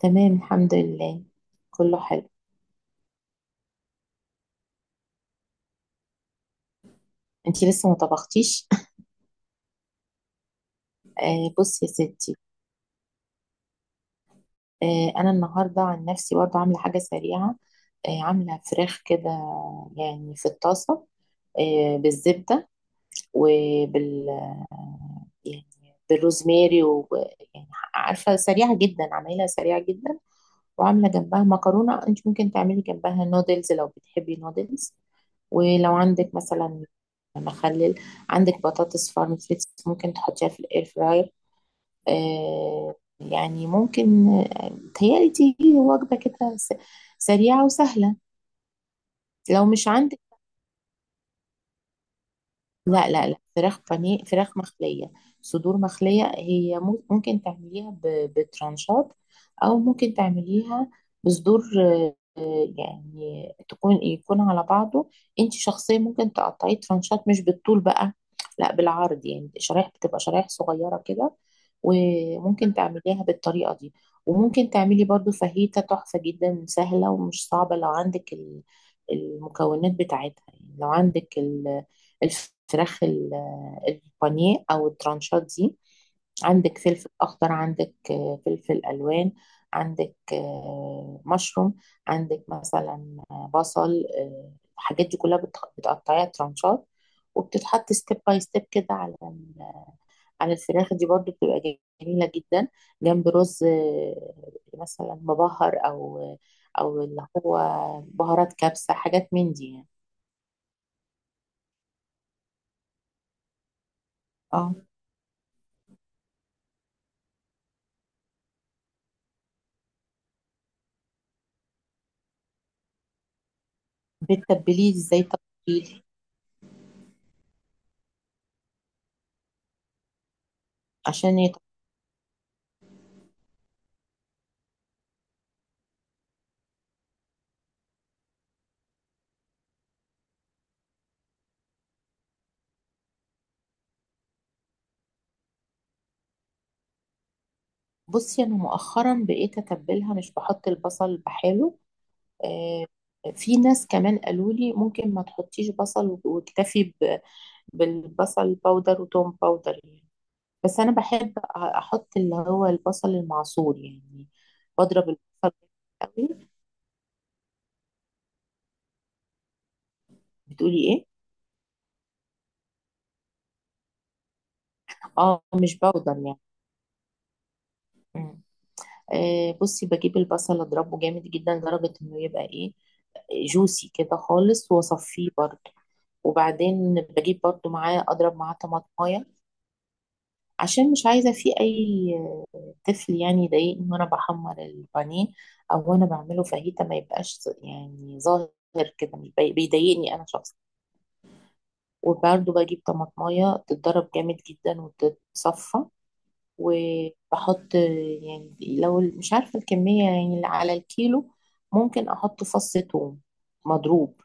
تمام، الحمد لله. كله حلو. انتي لسه ما طبختيش؟ آه بصي يا ستي. آه، انا النهارده عن نفسي برضه عامله حاجه سريعه. آه، عامله فراخ كده، يعني في الطاسه، بالزبده، وبال آه، يعني بالروزماري، ويعني عارفه سريعه جدا، عاملاها سريعه جدا. وعامله جنبها مكرونه. انت ممكن تعملي جنبها نودلز لو بتحبي نودلز. ولو عندك مثلا مخلل، عندك بطاطس فارم فريتس، ممكن تحطيها في الاير فراير. يعني ممكن، تهيألي دي وجبة كده سريعة وسهلة. لو مش عندك، لا لا لا، فراخ بانيه، فراخ مخلية، صدور مخلية. هي ممكن تعمليها بترانشات، أو ممكن تعمليها بصدور، يعني تكون، يكون على بعضه. انت شخصيا ممكن تقطعيه ترانشات مش بالطول بقى، لا بالعرض. يعني شرايح، بتبقى شرايح صغيرة كده. وممكن تعمليها بالطريقة دي. وممكن تعملي برضو فاهيتا تحفة جدا، سهلة ومش صعبة لو عندك المكونات بتاعتها. يعني لو عندك الفراخ، البانيه او الترانشات دي، عندك فلفل اخضر، عندك فلفل الوان، عندك مشروم، عندك مثلا بصل، آه، الحاجات دي كلها بتقطعيها ترانشات، وبتتحط ستيب باي ستيب كده على على الفراخ دي. برضو بتبقى جميله جدا جنب رز، مثلا مبهر، او او اللي هو بهارات كبسه، حاجات من دي يعني. اه، بتتبليه ازاي؟ تتبيله، عشان بصي، انا مؤخرا بقيت اتبلها مش بحط البصل بحاله. آه، في ناس كمان قالوا لي ممكن ما تحطيش بصل واكتفي بالبصل باودر وتوم باودر يعني. بس انا بحب احط اللي هو البصل المعصور يعني. بضرب البصل قوي. بتقولي ايه؟ اه مش باودر يعني. مم. آه، بصي، بجيب البصل اضربه جامد جدا لدرجة انه يبقى ايه، جوسي كده خالص، واصفيه برضه. وبعدين بجيب برضه معاه، اضرب معاه طماطمايه، عشان مش عايزه فيه اي طفل يعني يضايقني وانا بحمر البانيه او وانا بعمله فاهيتا. ما يبقاش يعني ظاهر كده، مش بي- بيضايقني انا شخصيا. وبرضه بجيب طماطمايه تتضرب جامد جدا وتتصفى. وبحط، يعني لو مش عارفه الكميه، يعني على الكيلو، ممكن احط فص ثوم مضروب،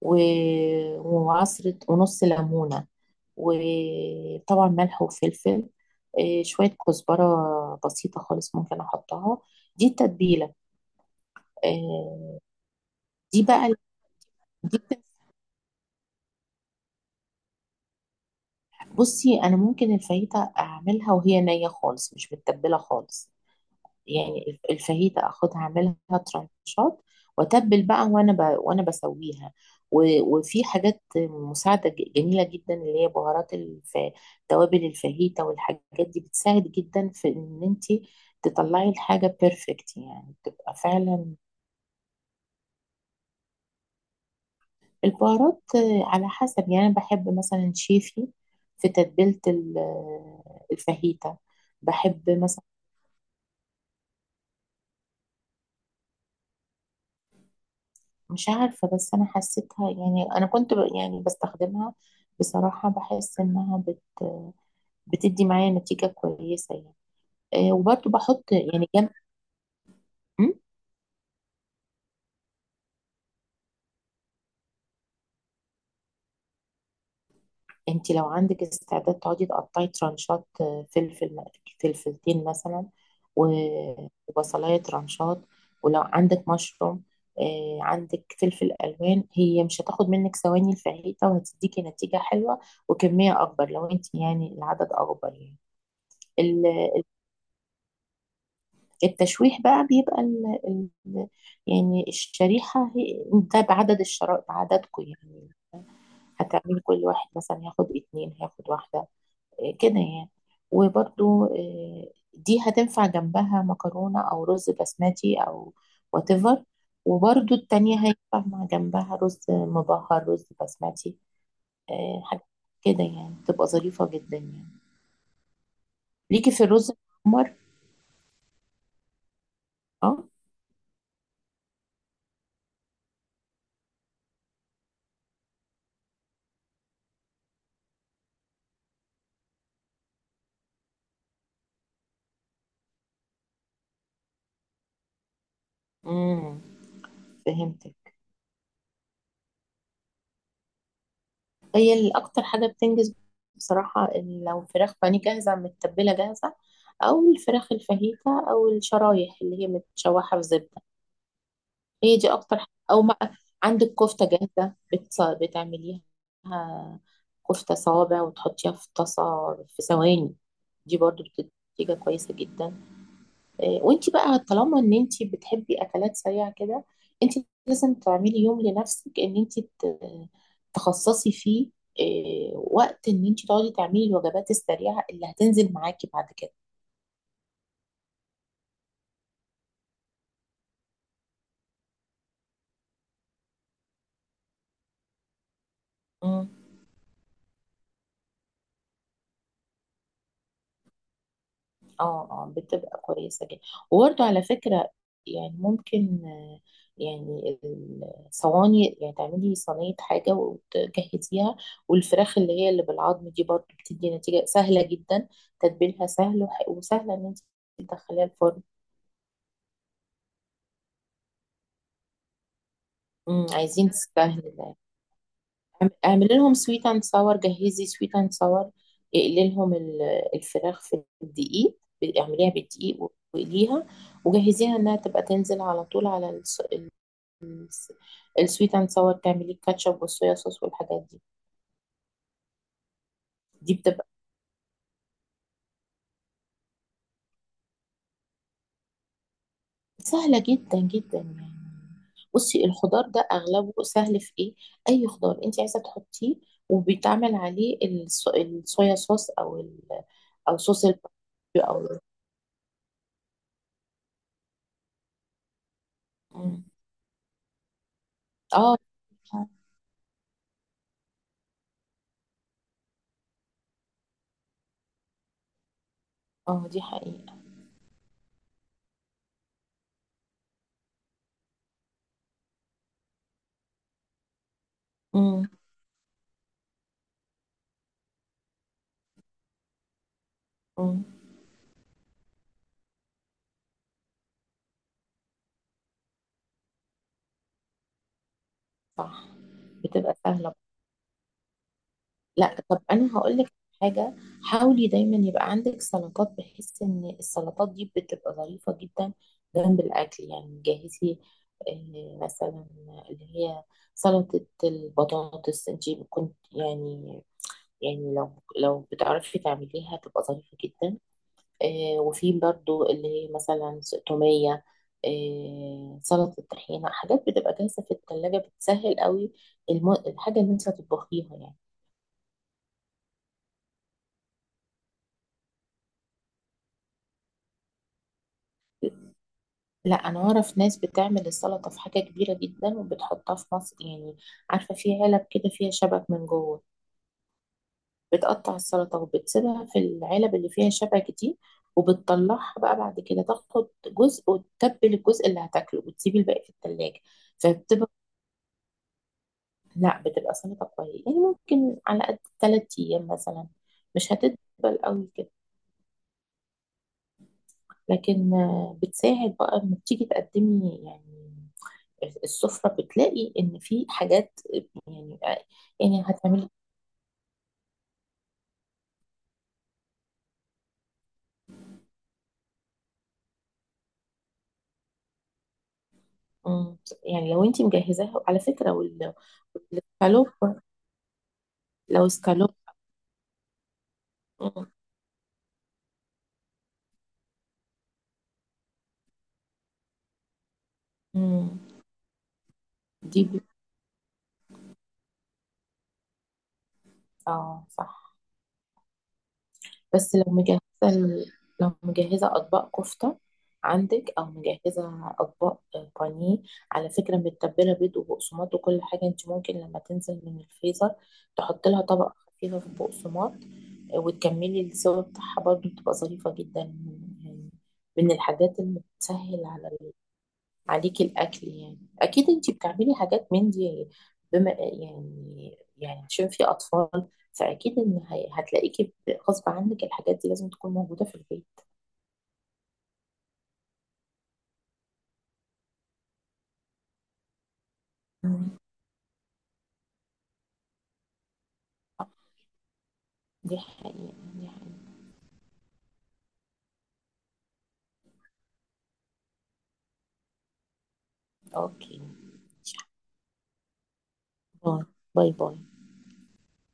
وعصرة ونص ليمونة، وطبعا ملح وفلفل، شوية كزبرة بسيطة خالص ممكن أحطها. دي التتبيلة. آه، دي بقى ال- دي بت- بصي، أنا ممكن الفايتة أعملها وهي نية خالص، مش متبلة خالص. يعني الفاهيتا اخدها، اعملها ترانشات، واتبل بقى وانا وانا بسويها. وفي حاجات مساعده جميله جدا، اللي هي بهارات توابل الفاهيتا. والحاجات دي بتساعد جدا في ان انت تطلعي الحاجه بيرفكت، يعني تبقى فعلا. البهارات، على حسب. يعني انا بحب مثلا شيفي في تتبيله الفاهيتا. بحب مثلا، مش عارفة، بس أنا حسيتها، يعني أنا كنت يعني بستخدمها، بصراحة بحس إنها بتدي معايا نتيجة كويسة يعني. وبرضه بحط يعني جنب. م؟ أنت لو عندك استعداد تقعدي تقطعي ترانشات، فلفل فلفلتين مثلا، وبصلاية ترانشات، ولو عندك مشروم، عندك فلفل ألوان، هي مش هتاخد منك ثواني الفاهيتة، وهتديكي نتيجة حلوة. وكمية أكبر لو أنت يعني العدد أكبر. يعني التشويح بقى بيبقى يعني الشريحة هي، ده بعدد الشرائح، بعددكم يعني. هتعمل كل واحد مثلا هياخد اتنين، هياخد واحدة، إيه كده يعني. وبرضو إيه، دي هتنفع جنبها مكرونة أو رز بسمتي أو whatever. وبرضو التانية هينفع مع جنبها رز مبهر، رز بسمتي. إيه، حاجة كده يعني تبقى ظريفة جدا يعني. ليكي في الرز الأحمر. اه. امم، فهمتك. هي اللي اكتر حاجه بتنجز بصراحه، إن لو فراخ بانيه جاهزه، متبله جاهزه، او الفراخ الفاهيتا، او الشرايح اللي هي متشوحه في زبده. هي دي اكتر حاجة. او ما عندك كفته جاهزه، بتعمليها كفته صوابع وتحطيها في طاسه في ثواني. دي برضو بتدي نتيجه كويسه جدا. وانت بقى طالما ان انت بتحبي اكلات سريعه كده، انت لازم تعملي يوم لنفسك ان انت تخصصي فيه، وقت ان انت تقعدي تعملي الوجبات السريعه اللي هتنزل معاكي بعد كده. اه اه، بتبقى كويسة جدا. وبرده على فكرة، يعني ممكن، يعني الصواني، يعني تعملي صينية حاجة وتجهزيها. والفراخ اللي هي اللي بالعظم دي برضه بتدي نتيجة سهلة جدا، تتبيلها سهل وسهلة ان انت تدخليها الفرن. امم، عايزين سهل ده. اعملي لهم سويت اند ساور، جهزي سويت اند ساور. اقلي لهم الفراخ في الدقيق، اعمليها بالدقيق واقليها، وجهزيها انها تبقى تنزل على طول على الس- السويت اند ساور، تعمليه الكاتشب والصويا صوص والحاجات دي. دي بتبقى سهلة جدا جدا يعني. بصي، الخضار ده اغلبه سهل في ايه. اي خضار انت عايزة تحطيه، وبيتعمل عليه الصويا صوص، او ال... او صوص الباربيكيو، او مم. اه اه، دي حقيقة. مم. مم. صح. بتبقى سهلة. لا طب انا هقول لك حاجه، حاولي دايما يبقى عندك سلطات، بحيث ان السلطات دي بتبقى ظريفه جدا جنب الاكل. يعني جهزي، مثلا، اللي هي سلطه البطاطس، انت كنت يعني، يعني لو لو بتعرفي تعمليها تبقى ظريفه جدا. وفي برضو اللي هي مثلا توميه، سلطه طحينه، حاجات بتبقى جاهزه في الثلاجه، بتسهل قوي الحاجه اللي انت هتطبخيها يعني. لا انا اعرف ناس بتعمل السلطه في حاجه كبيره جدا، وبتحطها في مصر يعني، عارفه في علب كده فيها شبك من جوه، بتقطع السلطه وبتسيبها في العلب اللي فيها شبك دي، وبتطلعها بقى بعد كده، تاخد جزء وتتبل الجزء اللي هتاكله، وتسيبي الباقي في التلاجة. فبتبقى، لا بتبقى سلطه كويسه، يعني ممكن على قد 3 ايام مثلا، مش هتدبل قوي كده. لكن بتساعد بقى لما بتيجي تقدمي يعني السفرة، بتلاقي ان في حاجات يعني. يعني هتعملي. مم. يعني لو انت مجهزاها على فكرة، والسكالوب. لو سكالوب. مم. مم. دي بت- اه صح. بس لو مجهزة لو مجهزة أطباق كفتة عندك، أو مجهزة أطباق بانيه على فكرة، متبلة، بيض وبقسماط وكل حاجة، أنت ممكن لما تنزل من الفريزر تحط لها طبقة خفيفة في البقسماط، وتكملي السوا بتاعها، برضه بتبقى ظريفة جدا يعني، من الحاجات اللي بتسهل على عليكي الاكل يعني. اكيد انتي بتعملي حاجات من دي، بما يعني يعني عشان في اطفال، فاكيد ان هتلاقيكي غصب عنك الحاجات دي لازم تكون موجوده في البيت. مم. دي حقيقه، دي حقيقه. اوكي. باي باي. باي.